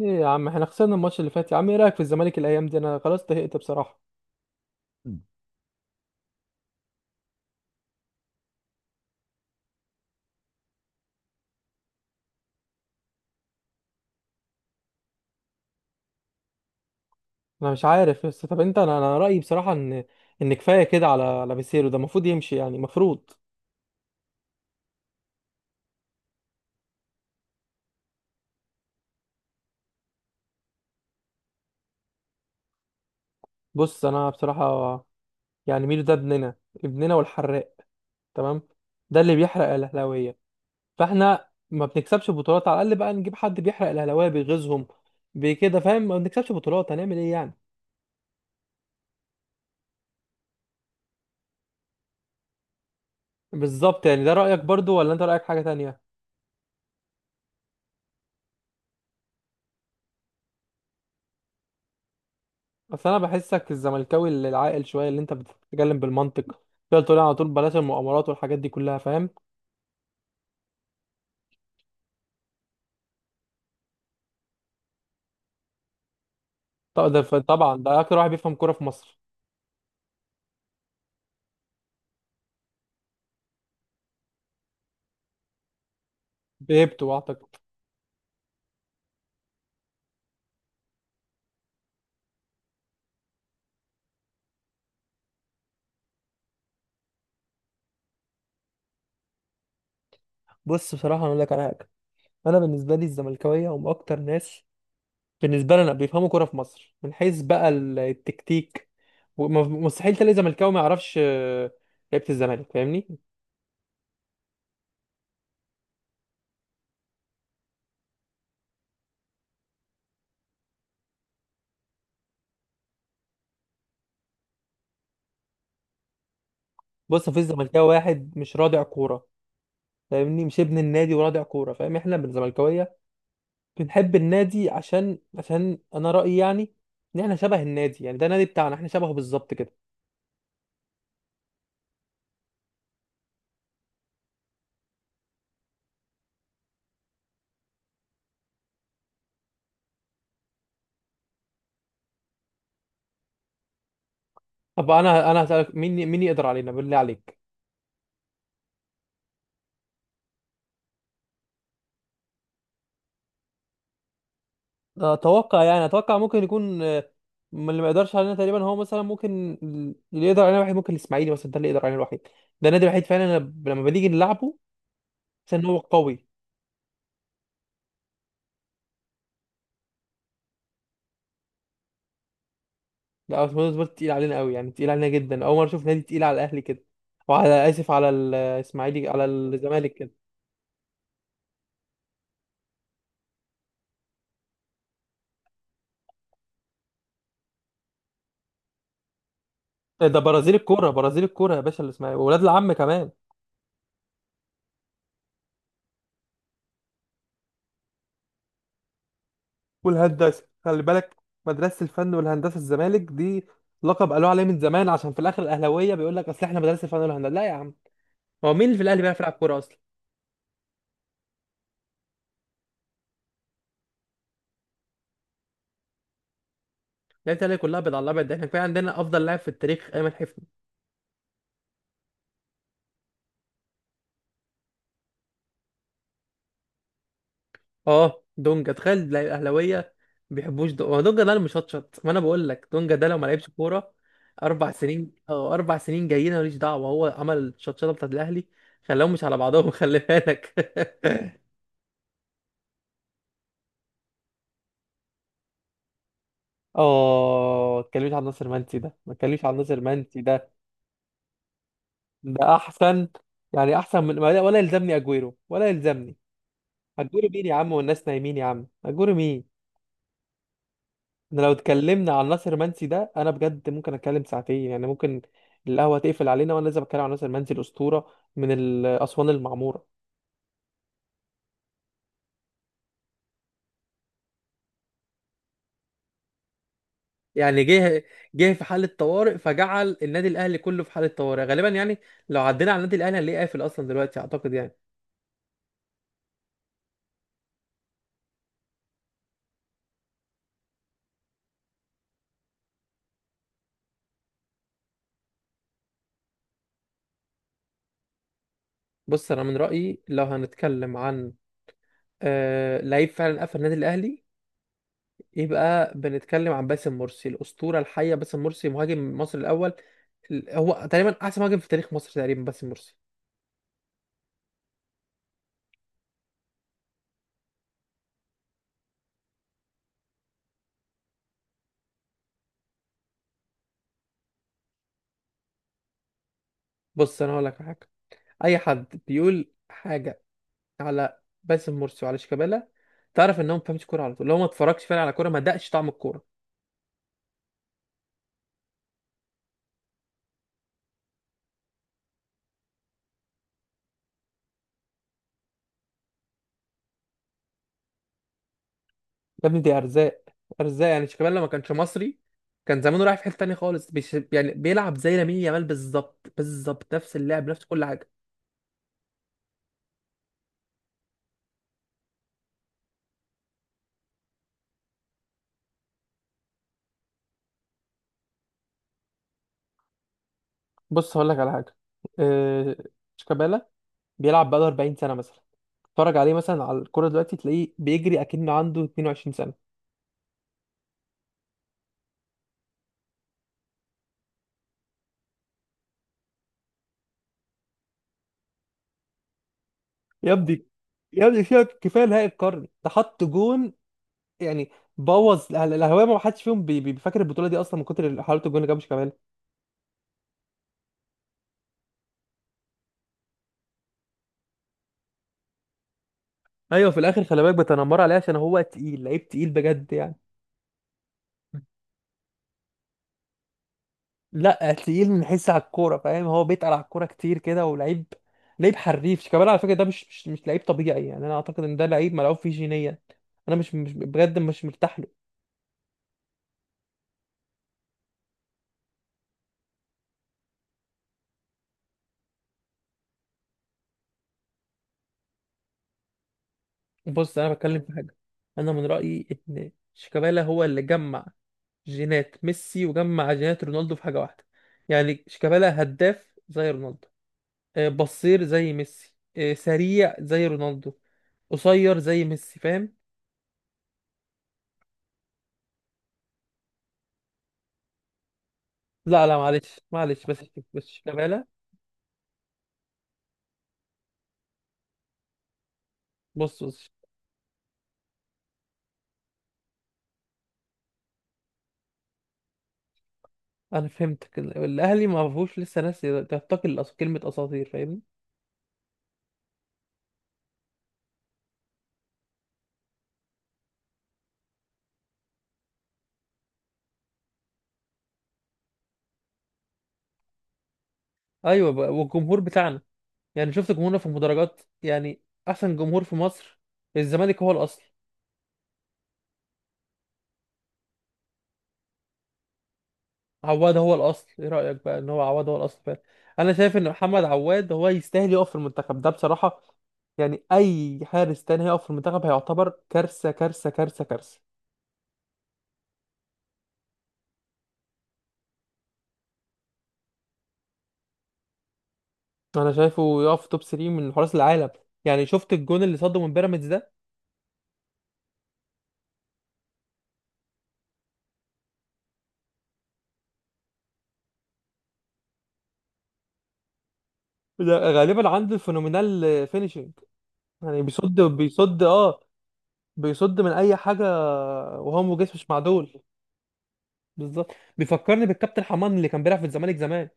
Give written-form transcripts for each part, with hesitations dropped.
ايه يا عم، احنا خسرنا الماتش اللي فات يا عم. ايه رايك في الزمالك الايام دي؟ انا خلاص طهقت بصراحه. انا مش عارف بس، طب انت، انا رايي بصراحه ان كفايه كده على بيسيرو، ده المفروض يمشي يعني المفروض. بص انا بصراحه، يعني ميدو ده ابننا ابننا والحراق، تمام، ده اللي بيحرق الاهلاويه. فاحنا ما بنكسبش بطولات، على الاقل بقى نجيب حد بيحرق الاهلاويه، بيغيظهم بكده، فاهم؟ ما بنكسبش بطولات هنعمل ايه يعني؟ بالظبط، يعني ده رايك برضو ولا انت رايك حاجه تانية؟ بس انا بحسك الزملكاوي اللي العاقل شويه، اللي انت بتتكلم بالمنطق، تقدر تقول على طول بلاش المؤامرات والحاجات دي كلها، فاهم؟ طب ده طبعا ده اكتر واحد بيفهم كوره في مصر. بهيبته اعتقد. بص بصراحه، انا اقول لك على حاجه. انا بالنسبه لي الزملكاويه هم اكتر ناس بالنسبه لنا بيفهموا كوره في مصر، من حيث بقى التكتيك، وم- مستحيل تلاقي زملكاوي ما يعرفش لعيبه الزمالك، فاهمني؟ بص مفيش زملكاوي واحد مش رادع كوره، فاهمني؟ مش ابن النادي ورادع كوره، فاهم؟ احنا بالزملكاويه بنحب النادي عشان انا رأيي يعني ان احنا شبه النادي، يعني ده النادي بتاعنا، احنا شبهه بالظبط كده. طب انا هسألك مين، مين يقدر علينا بالله عليك؟ اتوقع يعني اتوقع ممكن يكون من اللي ما يقدرش علينا تقريبا، هو مثلا ممكن اللي يقدر علينا الوحيد ممكن الاسماعيلي مثلا، ده اللي يقدر علينا الوحيد. ده النادي الوحيد فعلا، أنا لما بنيجي نلعبه عشان هو قوي. لا، اسماعيلي سبورت تقيل علينا قوي، يعني تقيل علينا جدا، اول مرة اشوف نادي تقيل على الاهلي كده، وعلى اسف على الاسماعيلي على الزمالك كده. ده برازيل الكوره، برازيل الكوره يا باشا اللي اسمها إيه؟ واولاد العم كمان. والهندسه خلي بالك، مدرسه الفن والهندسه الزمالك دي، لقب قالوه عليه من زمان، عشان في الاخر الاهلاويه بيقول لك اصل احنا مدرسه الفن والهندسه، لا يا عم، هو مين اللي في الاهلي بيعرف يلعب كوره اصلا؟ لعيبه الاهلي كلها بيض على الابيض، ده احنا كفايه عندنا افضل لاعب في التاريخ، ايمن حفني. اه دونجا، تخيل تلاقي الاهلاويه ما بيحبوش دونجا، هو دونجا ده اللي مشطشط، ما انا بقول لك دونجا ده لو ما لعبش كوره اربع سنين، اه اربع سنين جايين، أنا ماليش دعوه، هو عمل الشطشطه بتاعت الاهلي، خلاهم مش على بعضهم خلي بالك. اه، ما تكلمش عن ناصر منسي ده، ما تكلمش عن ناصر منسي ده، ده احسن، يعني احسن من ولا يلزمني اجويرو ولا يلزمني. اجويرو مين يا عم، والناس نايمين يا عم، اجويرو مين؟ احنا لو اتكلمنا عن ناصر منسي ده انا بجد ممكن اتكلم ساعتين يعني، ممكن القهوه تقفل علينا وانا لازم اتكلم عن ناصر منسي الاسطوره من الاسوان المعموره. يعني جه في حاله طوارئ، فجعل النادي الاهلي كله في حاله طوارئ غالبا يعني، لو عدينا على النادي الاهلي هنلاقيه قافل اصلا دلوقتي اعتقد يعني. بص انا من رايي، لو هنتكلم عن لعيب فعلا قفل النادي الاهلي، يبقى بنتكلم عن باسم مرسي، الاسطوره الحيه، باسم مرسي مهاجم مصر الاول. هو تقريبا احسن مهاجم في تاريخ مصر تقريبا، باسم مرسي. بص انا هقول لك على حاجه، اي حد بيقول حاجه على باسم مرسي وعلى شيكابالا، تعرف ان هو ما بيفهمش كوره على طول، لو ما اتفرجش فعلا على كوره ما دقش طعم الكوره. يا ابني دي ارزاق، ارزاق يعني، شيكابالا لو ما كانش مصري كان زمانه رايح في حته تانيه خالص، يعني بيلعب زي لامين يامال بالظبط، بالظبط نفس اللعب نفس كل حاجه. بص هقول لك على حاجه، آه، شيكابالا بيلعب بقاله 40 سنه مثلا، اتفرج عليه مثلا على الكوره دلوقتي تلاقيه بيجري اكنه عنده 22 سنه. يا ابني، يا ابني فيها كفايه نهائي القرن ده، حط جون يعني، بوظ الاهواء، ما حدش فيهم بيفكر البطوله دي اصلا من كتر حلاوه الجون اللي جابش كمان. ايوه في الاخر خلي بالك بتنمر عليه عشان هو تقيل، لعيب تقيل بجد يعني. لا تقيل من حيث على الكوره فاهم، هو بيتقل على الكوره كتير كده، ولعيب، لعيب حريف شيكابالا على فكره، ده مش لعيب طبيعي، يعني انا اعتقد ان ده لعيب ملعوب فيه جينيا. انا مش بجد مش مرتاح له. بص انا بتكلم في حاجه، انا من رايي ان شيكابالا هو اللي جمع جينات ميسي وجمع جينات رونالدو في حاجه واحده، يعني شيكابالا هداف زي رونالدو، بصير زي ميسي، سريع زي رونالدو، قصير زي ميسي، فاهم؟ لا لا معلش معلش بس. بس كمالة. بص بص، انا فهمتك، الاهلي ما فيهوش لسه ناس تعتقل كلمه اساطير، فاهمني؟ ايوه بقى، والجمهور بتاعنا، يعني شفت جمهورنا في المدرجات يعني، احسن جمهور في مصر. الزمالك هو الاصل. عواد هو الاصل، ايه رايك بقى ان هو عواد هو الاصل فعلا؟ انا شايف ان محمد عواد هو يستاهل يقف في المنتخب ده بصراحه، يعني اي حارس تاني هيقف في المنتخب هيعتبر كارثه، كارثه كارثه كارثه انا شايفه يقف توب 3 من حراس العالم، يعني شفت الجون اللي صده من بيراميدز ده؟ ده غالبا عنده الفينومينال فينيشنج، يعني بيصد بيصد اه، بيصد من اي حاجه، وهو جسمه مش معدول بالظبط. بيفكرني بالكابتن حمان اللي كان بيلعب في الزمالك زمان.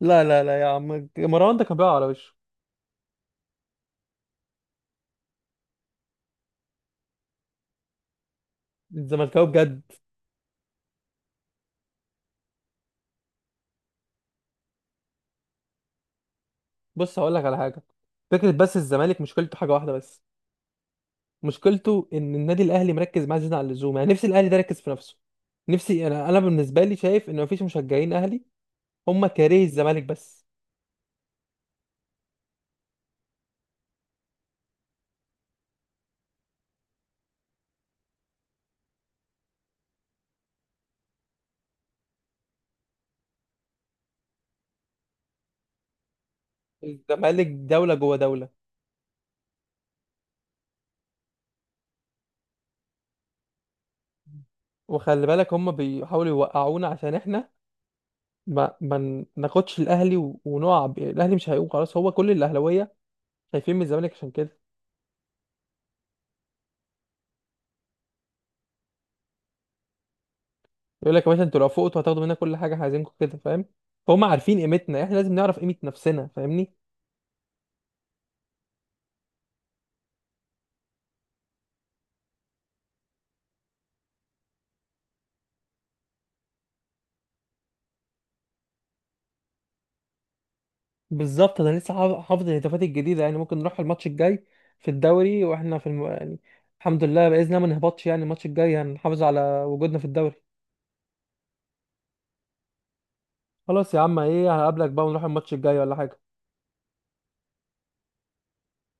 لا لا لا يا عم، مروان ده كان بيلعب على وشه. الزملكاوي بجد. بص هقول لك على حاجه، فكره، بس الزمالك مشكلته حاجه واحده بس، مشكلته ان النادي الاهلي مركز معاه زياده عن اللزوم، يعني نفسي الاهلي ده يركز في نفسه. نفسي انا، بالنسبه لي شايف ان مفيش مشجعين اهلي، هم كارهي الزمالك بس. الزمالك دوله جوه دوله. وخلي بالك هم بيحاولوا يوقعونا عشان احنا ما ناخدش الاهلي ونقع الاهلي مش هيقوم خلاص، هو كل الاهلاويه خايفين من الزمالك عشان كده. يقول لك يا باشا، انتوا لو فوقتوا هتاخدوا منا كل حاجه، احنا عايزينكم كده فاهم، فهم عارفين قيمتنا، احنا لازم نعرف قيمه نفسنا، فاهمني؟ بالظبط، انا لسه حافظ الهتافات الجديده، يعني ممكن نروح الماتش الجاي في الدوري واحنا في يعني الحمد لله باذن الله ما نهبطش، يعني الماتش الجاي هنحافظ على وجودنا في الدوري. خلاص يا عم، ايه، هقابلك بقى ونروح الماتش الجاي ولا حاجه؟